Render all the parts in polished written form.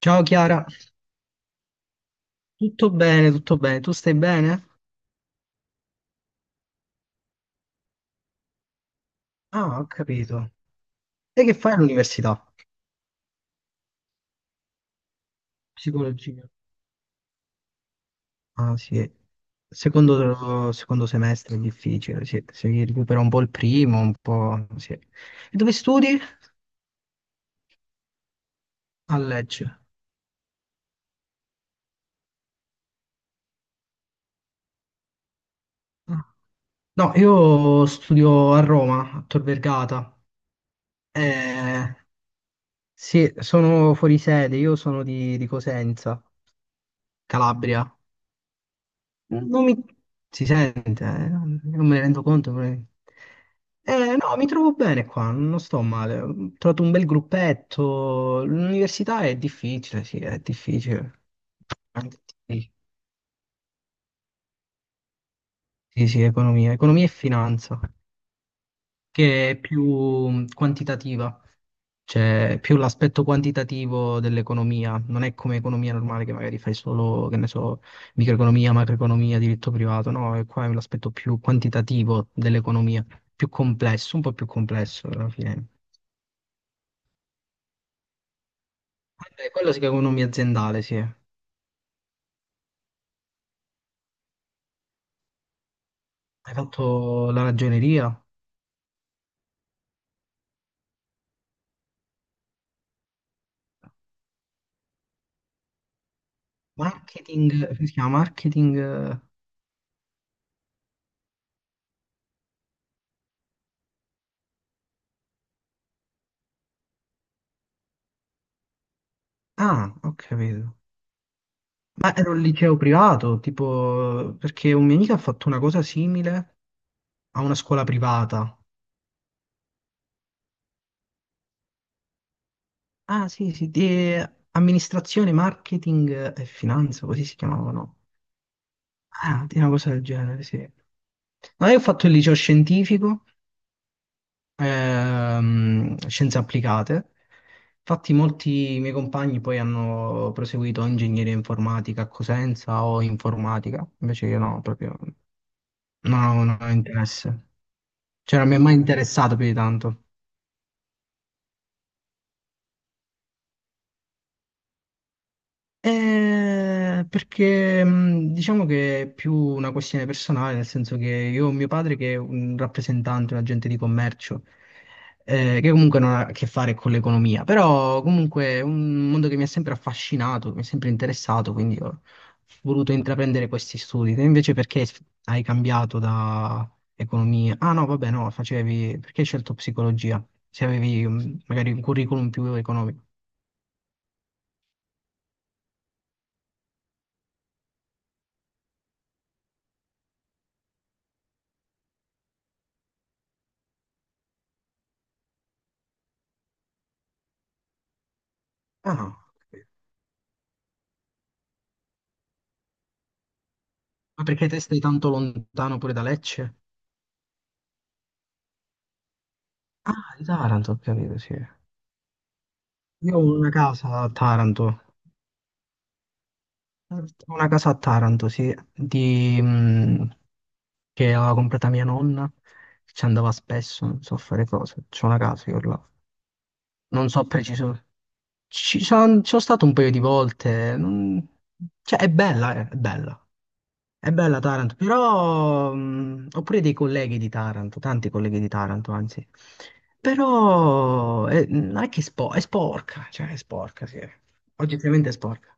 Ciao Chiara, tutto bene, tu stai bene? Ah, ho capito. E che fai all'università? Psicologia. Ah, sì. Secondo semestre è difficile, sì. Si recupera un po' il primo, un po', sì. E dove studi? A Lecce. Ah. No, io studio a Roma, a Tor Vergata. Eh, sì, sono fuori sede, io sono di Cosenza, Calabria. Mm, non mi si sente, non me ne rendo conto. Però no, mi trovo bene qua, non sto male. Ho trovato un bel gruppetto. L'università è difficile, sì, è difficile. Anzi, sì, sì, sì, economia, economia e finanza, che è più quantitativa. C'è più l'aspetto quantitativo dell'economia, non è come economia normale che magari fai solo, che ne so, microeconomia, macroeconomia, diritto privato, no, e qua è l'aspetto più quantitativo dell'economia, più complesso, un po' più complesso alla fine. Vabbè, quello si chiama economia aziendale, sì. Hai fatto la ragioneria? Marketing, come si chiama? Marketing... Ah, ho capito. Ma era un liceo privato, tipo, perché un mio amico ha fatto una cosa simile a una scuola privata. Ah, sì, sì, di amministrazione, marketing e finanza, così si chiamavano. Ah, di una cosa del genere, sì. No, io ho fatto il liceo scientifico, scienze applicate. Infatti molti miei compagni poi hanno proseguito ingegneria informatica a Cosenza o informatica, invece io no, proprio non ho interesse. Cioè non mi è mai interessato più di tanto. Perché diciamo che è più una questione personale, nel senso che io ho mio padre che è un rappresentante, un agente di commercio, che comunque non ha a che fare con l'economia, però comunque è un mondo che mi ha sempre affascinato, mi è sempre interessato, quindi ho voluto intraprendere questi studi. Te invece perché hai cambiato da economia? Ah no, vabbè, no, facevi... perché hai scelto psicologia? Se avevi magari un curriculum più economico. Ah, ma perché te stai tanto lontano pure da Lecce? Ah, di Taranto, ho capito, sì. Io ho una casa a Taranto, ho una casa a Taranto, sì, che aveva comprata mia nonna, che ci andava spesso, non so fare cose, c'ho una casa io là. Non so preciso, ci sono stato un paio di volte, non- cioè è bella, è bella. È bella Taranto, però ho pure dei colleghi di Taranto, tanti colleghi di Taranto, anzi. Però non è che è, spo- è sporca, cioè è sporca, sì. Oggettivamente è sporca.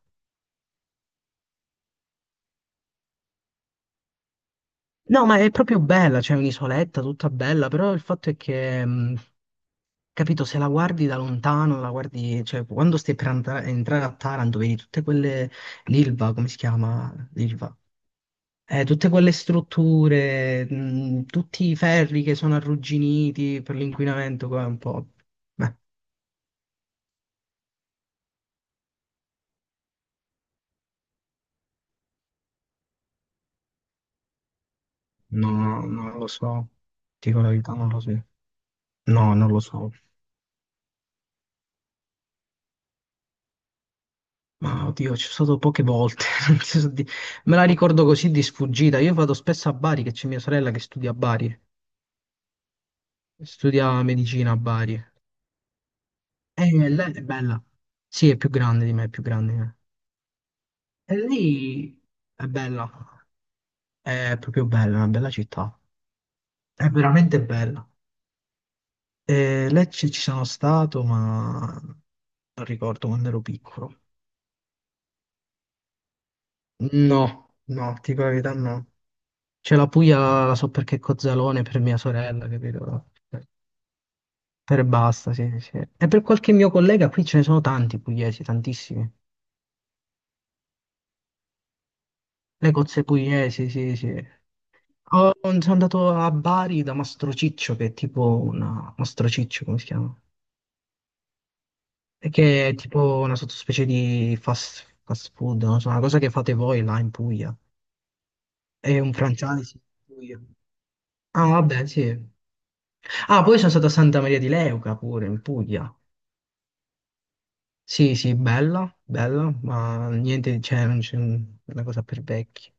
No, ma è proprio bella, c'è un'isoletta tutta bella, però il fatto è che, capito, se la guardi da lontano, la guardi, cioè quando stai per andare- entrare a Taranto, vedi tutte quelle, l'Ilva, come si chiama? L'Ilva. Tutte quelle strutture, tutti i ferri che sono arrugginiti per l'inquinamento, qua è un po'... Beh, no, no, non lo so. Dico la verità, non lo so. No, non lo so. Ma oddio, ci sono stato poche volte. Non ti so di- me la ricordo così di sfuggita. Io vado spesso a Bari, che c'è mia sorella che studia a Bari. Studia medicina a Bari. E lei è bella. Sì, è più grande di me, è più grande di me. E lei è bella. È proprio bella, è una bella città. È veramente bella. Lecce ci sono stato, ma non ricordo quando ero piccolo. No, no, ti dico la verità, no. C'è la Puglia, la so perché è Cozzalone per mia sorella, capito? Per e basta, sì, sì. E per qualche mio collega qui ce ne sono tanti pugliesi, tantissimi. Le cozze pugliesi, sì, sì. Ho- sono andato a Bari da Mastrociccio, che è tipo una... Mastrociccio, come si chiama? E che è tipo una sottospecie di fast food, non so, una cosa che fate voi là in Puglia. È un franchise in Puglia. Ah, vabbè, sì. Ah, poi sono stato a Santa Maria di Leuca pure, in Puglia. Sì, sì, bella, bella, ma niente, cioè, non c'è un- una cosa per vecchi.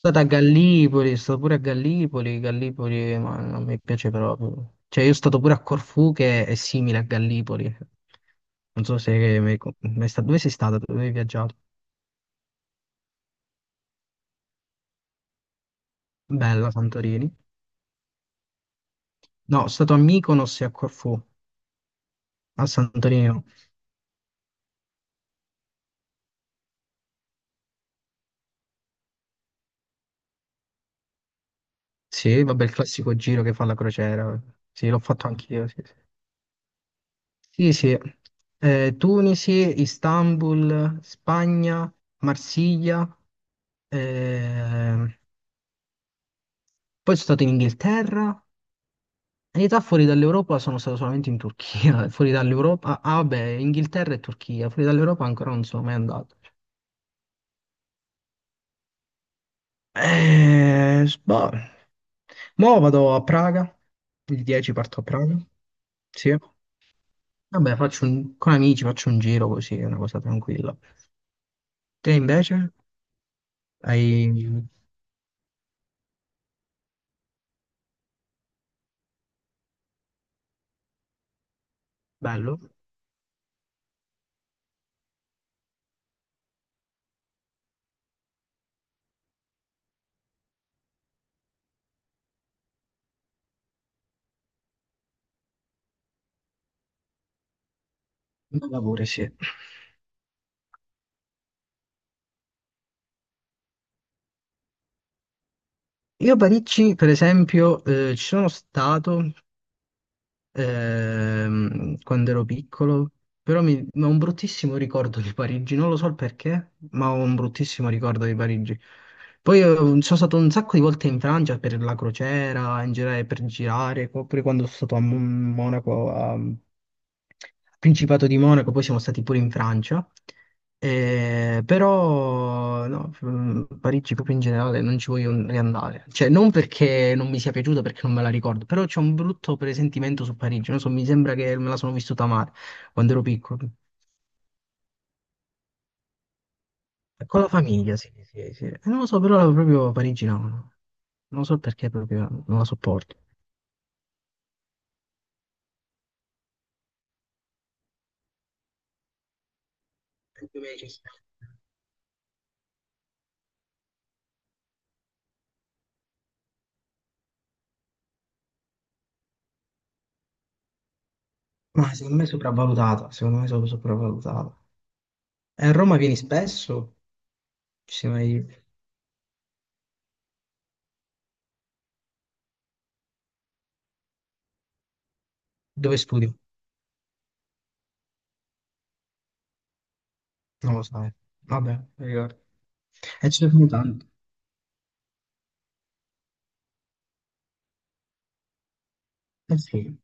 Sono stato a Gallipoli, sono stato pure a Gallipoli, Gallipoli, ma non mi piace proprio. Cioè, io sono stato pure a Corfù che è simile a Gallipoli. Non so se... mi- mi sta- dove sei stato? Dove hai viaggiato? Bella, Santorini. No, sono stato a Mykonos e a Corfù. A Santorini no. Sì, vabbè, il classico giro che fa la crociera. Sì, l'ho fatto anch'io. Sì, sì. Sì, sì. Tunisi, Istanbul, Spagna, Marsiglia. ehm, Poi sono stato in Inghilterra. In realtà fuori dall'Europa sono stato solamente in Turchia. Fuori dall'Europa. Ah, ah, vabbè, Inghilterra e Turchia. Fuori dall'Europa ancora non sono mai andato. Cioè boh. Mo vado a Praga, il 10 parto a Praga, sì. Vabbè, faccio un- con amici faccio un giro così, è una cosa tranquilla. Te invece? Hai... bello? Bella pure, sì. Io a Parigi, per esempio, ci sono stato quando ero piccolo, però mi... ho un bruttissimo ricordo di Parigi, non lo so il perché, ma ho un bruttissimo ricordo di Parigi. Poi sono stato un sacco di volte in Francia per la crociera, in generale per girare, oppure quando sono stato a Mon- Monaco, a, Principato di Monaco, poi siamo stati pure in Francia. Però no, Parigi proprio in generale non ci voglio riandare, cioè non perché non mi sia piaciuta, perché non me la ricordo, però c'è un brutto presentimento su Parigi, non so, mi sembra che me la sono vissuta male quando ero piccolo. Con la famiglia, sì, sì, sì. E non lo so, però proprio parigina no. No. Non lo so perché proprio non la sopporto. E tu invece sì. Ma secondo me è sopravvalutata, secondo me è sopravvalutata. E a Roma vieni spesso? Ci sei mai... dove studi? Non lo sai. Vabbè, mi ricordo. E ci sono tanto. Eh sì.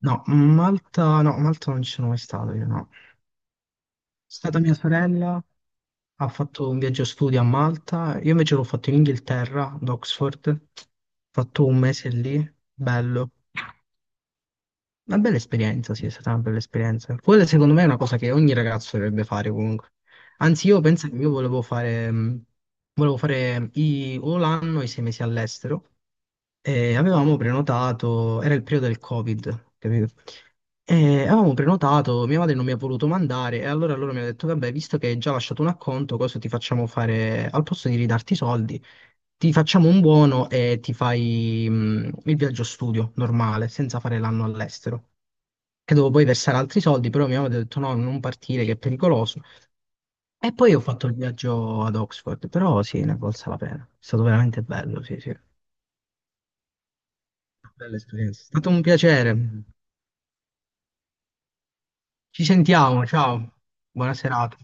No, Malta, no, Malta non ci sono mai stato io, no. È stata mia sorella, ha fatto un viaggio studio a Malta, io invece l'ho fatto in Inghilterra, ad Oxford, ho fatto un mese lì, bello. Una bella esperienza, sì, è stata una bella esperienza. Quella secondo me è una cosa che ogni ragazzo dovrebbe fare comunque. Anzi, io penso che io volevo fare i- o l'anno o i 6 mesi all'estero, e avevamo prenotato, era il periodo del Covid, capito? E avevamo prenotato, mia madre non mi ha voluto mandare e allora loro mi hanno detto, vabbè, visto che hai già lasciato un acconto, cosa ti facciamo fare? Al posto di ridarti i soldi, ti facciamo un buono e ti fai il viaggio studio normale, senza fare l'anno all'estero. Che dovevo poi versare altri soldi, però mia madre ha detto no, non partire, che è pericoloso. E poi ho fatto il viaggio ad Oxford, però sì, ne è valsa la pena. È stato veramente bello, sì, sì. Bella esperienza. È stato un piacere. Ci sentiamo, ciao. Buona serata.